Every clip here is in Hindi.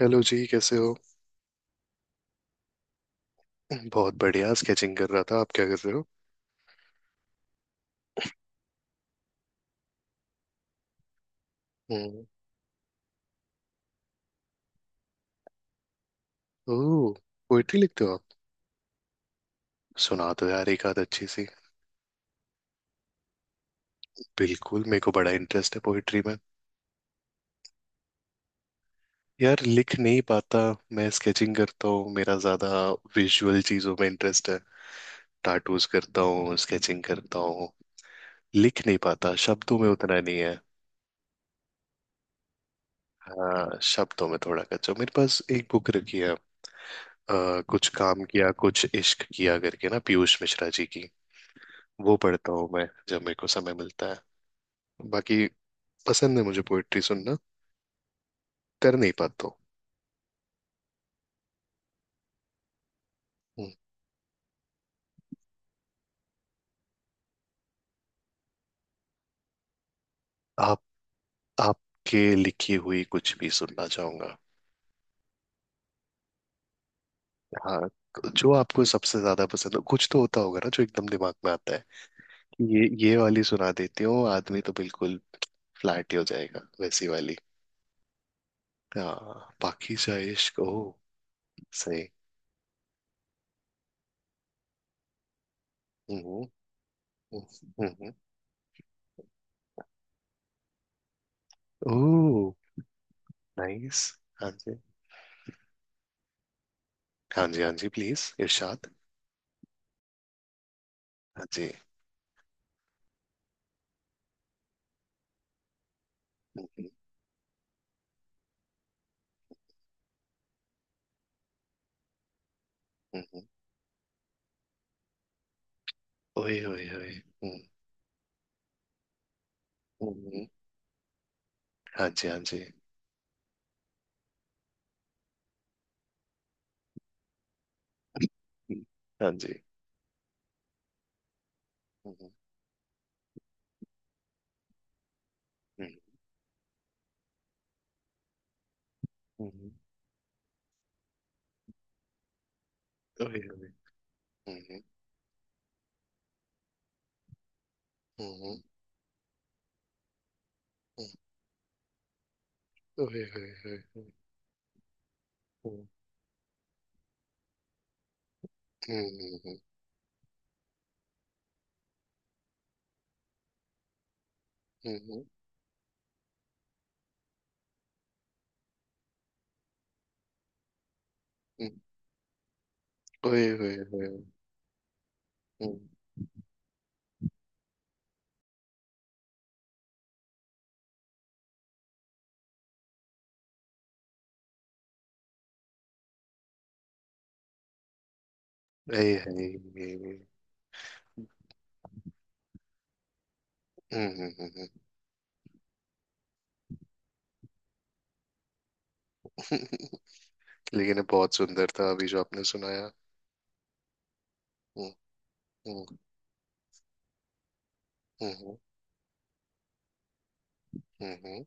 हेलो जी, कैसे हो? बहुत बढ़िया, स्केचिंग कर रहा था। आप क्या कर रहे हो? हम्म। ओह, पोइट्री लिखते हो आप? सुना दो यार एक आध अच्छी सी। बिल्कुल, मेरे को बड़ा इंटरेस्ट है पोइट्री में। यार, लिख नहीं पाता। मैं स्केचिंग करता हूँ, मेरा ज्यादा विजुअल चीजों में इंटरेस्ट है। टाटूज करता हूँ, स्केचिंग करता हूँ। लिख नहीं पाता, शब्दों में उतना नहीं है। हाँ, शब्दों में थोड़ा कच्चा हूँ। मेरे पास एक बुक रखी है, कुछ काम किया कुछ इश्क किया करके ना, पीयूष मिश्रा जी की। वो पढ़ता हूँ मैं, जब मेरे को समय मिलता है। बाकी पसंद है मुझे पोइट्री सुनना, कर नहीं पाता हूँ। हम्म। आप, आपके लिखी हुई कुछ भी सुनना चाहूंगा। हाँ, जो आपको सबसे ज्यादा पसंद हो, कुछ तो होता होगा ना जो एकदम दिमाग में आता है कि ये वाली सुना देती हूँ, आदमी तो बिल्कुल फ्लैट ही हो जाएगा, वैसी वाली। हाँ, बाकी जाए इश्क ओ। सही। हम्म। हम्म। ओ, नाइस। हाँ जी। हाँ जी, हाँ जी, प्लीज इरशाद। हाँ जी। हम्म, हम्म, हम्म। ओए ओए ओए, हम्म। हम्म, हम्म। हाँ जी, हाँ जी। हम्म, हाँ जी। हम्म हम्म, हम्म। हम्म। ओए ओए। हम्म हम्म, हम्म। ओए ओए ओए। हम्म हम्म हम्म, हम्म, हम्म। ओए ओए ओए। हम्म। ऐ है। हम्म हम्म, हम्म, हम्म। लेकिन ये बहुत सुंदर था, अभी जो आपने सुनाया। हम्म। हम्म। हम्म। हम्म।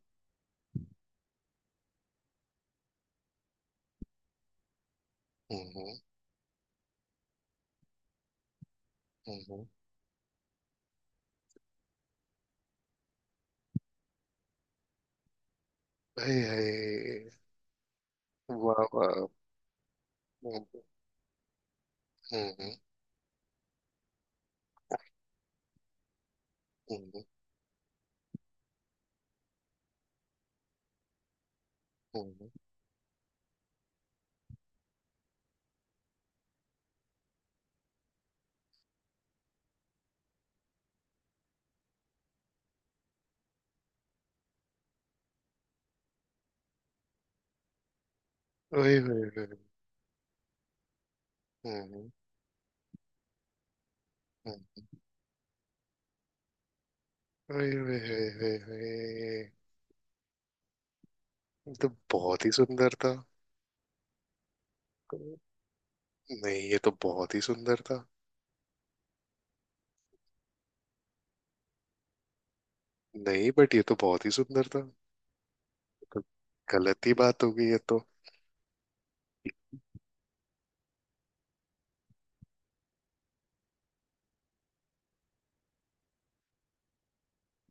हम्म। हम्म, ऐ है। वाह वाह। हम्म। हम्म। हम्म, हम्म। ओए ओए ओए। हम्म। हम्म। ओए ओए ओए ओए ओए। ये तो बहुत ही सुंदर था। नहीं, ये तो बहुत ही सुंदर था। नहीं, बट ये तो बहुत ही सुंदर था, तो गलत ही बात हो गई ये तो।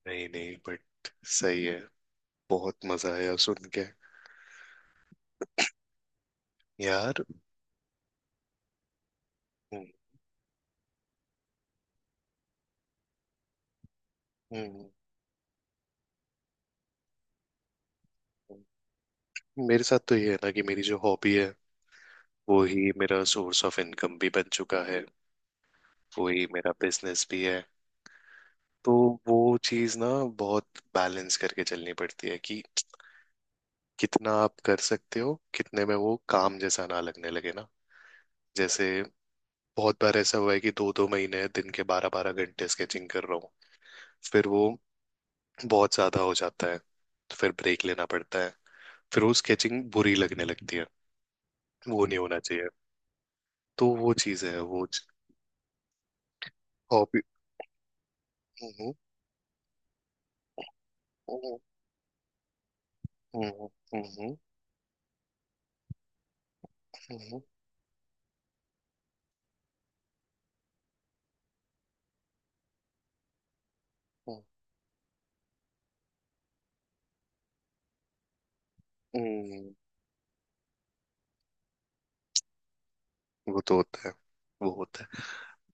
नहीं नहीं, बट सही है, बहुत मजा आया सुन के यार। हम्म, हम्म, हम्म। मेरे साथ तो ये है ना कि मेरी जो हॉबी है, वो ही मेरा सोर्स ऑफ इनकम भी बन चुका है, वो ही मेरा बिजनेस भी है। तो वो चीज ना बहुत बैलेंस करके चलनी पड़ती है कि कितना आप कर सकते हो, कितने में वो काम जैसा ना लगने लगे ना, जैसे। बहुत बार ऐसा हुआ है कि दो दो महीने दिन के बारह बारह घंटे स्केचिंग कर रहा हूँ, फिर वो बहुत ज्यादा हो जाता है, तो फिर ब्रेक लेना पड़ता है, फिर वो स्केचिंग बुरी लगने लगती है। वो नहीं होना चाहिए। तो वो चीज है वो, हॉबी। हम्म हम्म हम्म हम्म। हम्म, हम्म, हम्म। वो तो होता है, वो होता है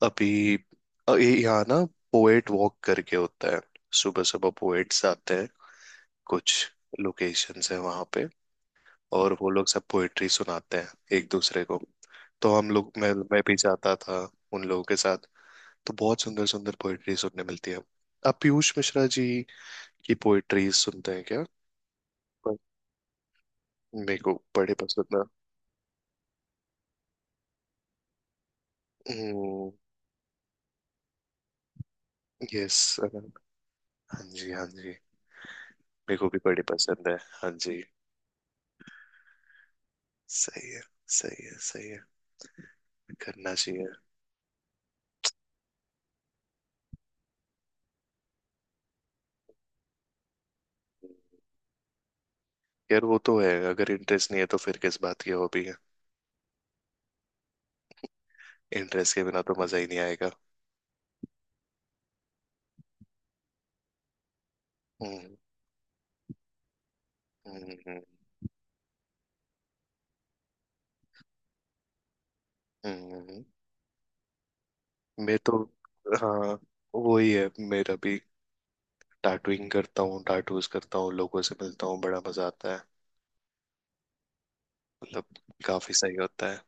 अभी। ये यहाँ ना पोएट वॉक करके होता है, सुबह सुबह पोएट्स आते हैं। कुछ लोकेशंस हैं वहां पे, और वो लोग सब पोएट्री सुनाते हैं एक दूसरे को। तो हम लोग, मैं भी जाता था उन लोगों के साथ। तो बहुत सुंदर सुंदर पोएट्री सुनने मिलती है। आप पीयूष मिश्रा जी की पोएट्री सुनते हैं क्या? पर मेरे को बड़े पसंद है। यस। हाँ जी, हाँ जी। मेरे को भी बड़ी पसंद है। हाँ जी। सही है, सही है, सही है। करना चाहिए। यार वो तो है, अगर इंटरेस्ट नहीं है तो फिर किस बात की हॉबी है। इंटरेस्ट के बिना तो मजा ही नहीं आएगा। हम्म। हम्म। हम्म। हम्म। हम्म। मैं तो, हाँ, वही है मेरा भी। टैटूइंग करता हूँ, टाटूज करता हूँ, लोगों से मिलता हूँ, बड़ा मजा आता है। मतलब काफी सही होता है।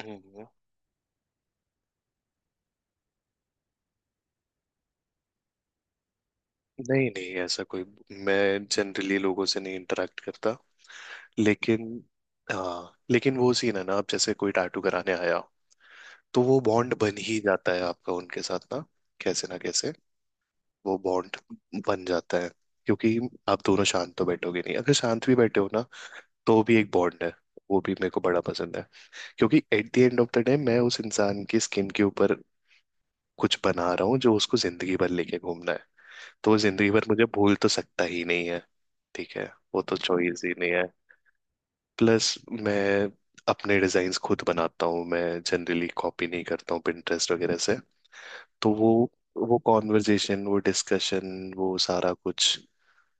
हम्म, हम्म। नहीं नहीं, ऐसा कोई, मैं जनरली लोगों से नहीं इंटरेक्ट करता, लेकिन हाँ, लेकिन वो सीन है ना, अब जैसे कोई टैटू कराने आया तो वो बॉन्ड बन ही जाता है आपका उनके साथ ना। कैसे ना कैसे वो बॉन्ड बन जाता है। क्योंकि आप दोनों शांत तो बैठोगे नहीं, अगर शांत भी बैठे हो ना तो भी एक बॉन्ड है। वो भी मेरे को बड़ा पसंद है। क्योंकि at the end of the day, मैं उस इंसान की स्किन के ऊपर कुछ बना रहा हूँ जो उसको जिंदगी भर लेके घूमना है। तो वो जिंदगी भर मुझे भूल तो सकता ही नहीं है। ठीक है, वो तो चॉइस ही नहीं है। प्लस मैं अपने डिजाइन्स खुद बनाता हूँ मैं, जनरली कॉपी नहीं करता हूँ Pinterest वगैरह से। तो वो कॉन्वर्जेशन, वो डिस्कशन, वो सारा कुछ,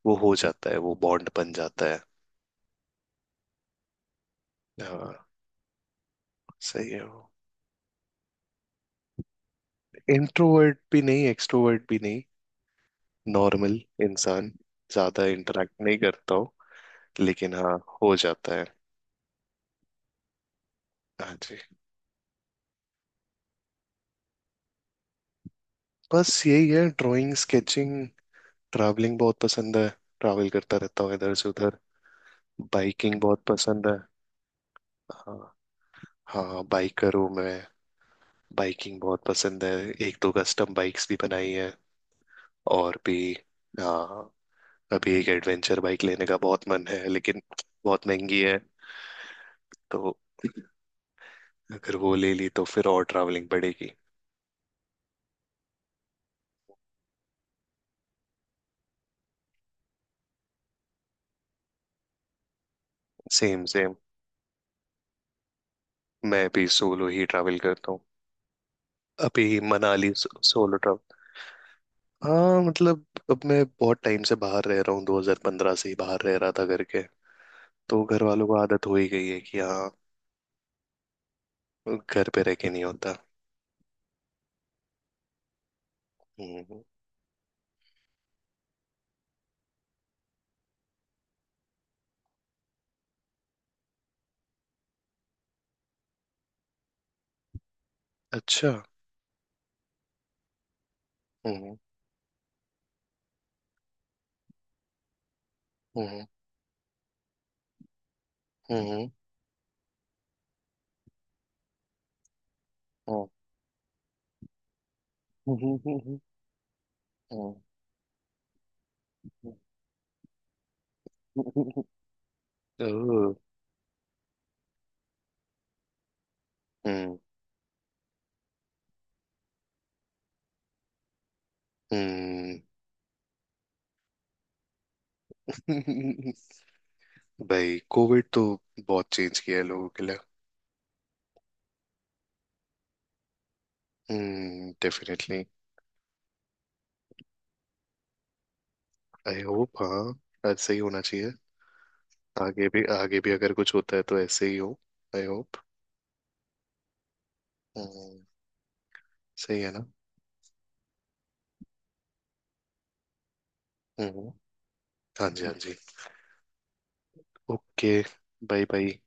वो हो जाता है, वो बॉन्ड बन जाता है। हाँ, सही है वो। इंट्रोवर्ट भी नहीं, एक्सट्रोवर्ट भी नहीं, नॉर्मल इंसान, ज्यादा इंटरेक्ट नहीं करता हूँ। लेकिन हाँ, हो जाता है। हाँ जी। बस यही है, ड्राइंग, स्केचिंग। ट्रैवलिंग बहुत पसंद है, ट्रैवल करता रहता हूँ इधर से उधर। बाइकिंग बहुत पसंद है। हाँ, हाँ बाइकर हूँ मैं। बाइकिंग बहुत पसंद है। एक दो कस्टम बाइक्स भी बनाई है, और भी। आ, अभी एक एडवेंचर बाइक लेने का बहुत मन है, लेकिन बहुत महंगी है। तो अगर वो ले ली तो फिर और ट्रैवलिंग पड़ेगी। Same same. मैं भी सोलो ही ट्रैवल करता हूँ। अभी मनाली सोलो ट्रैवल। हाँ मतलब, अब मैं बहुत टाइम से बाहर रह रहा हूँ, 2015 से ही बाहर रह रहा था करके। तो घर वालों को आदत हो ही गई है कि हाँ, घर पे रह के नहीं होता। हम्म। अच्छा। हम्म। हम्म। हम्म। हम्म। हम्म। हम्म, हम्म, हम्म, हम्म, हम्म, हम्म, ओह। हम्म। हम्म। भाई, कोविड तो बहुत चेंज किया है लोगों के लिए। हम्म, डेफिनेटली। आई होप, हाँ ऐसे ही होना चाहिए आगे भी। आगे भी अगर कुछ होता है तो ऐसे ही हो। I hope. हम्म। सही है ना। हम्म। हाँ जी, हाँ जी। ओके। Bye bye.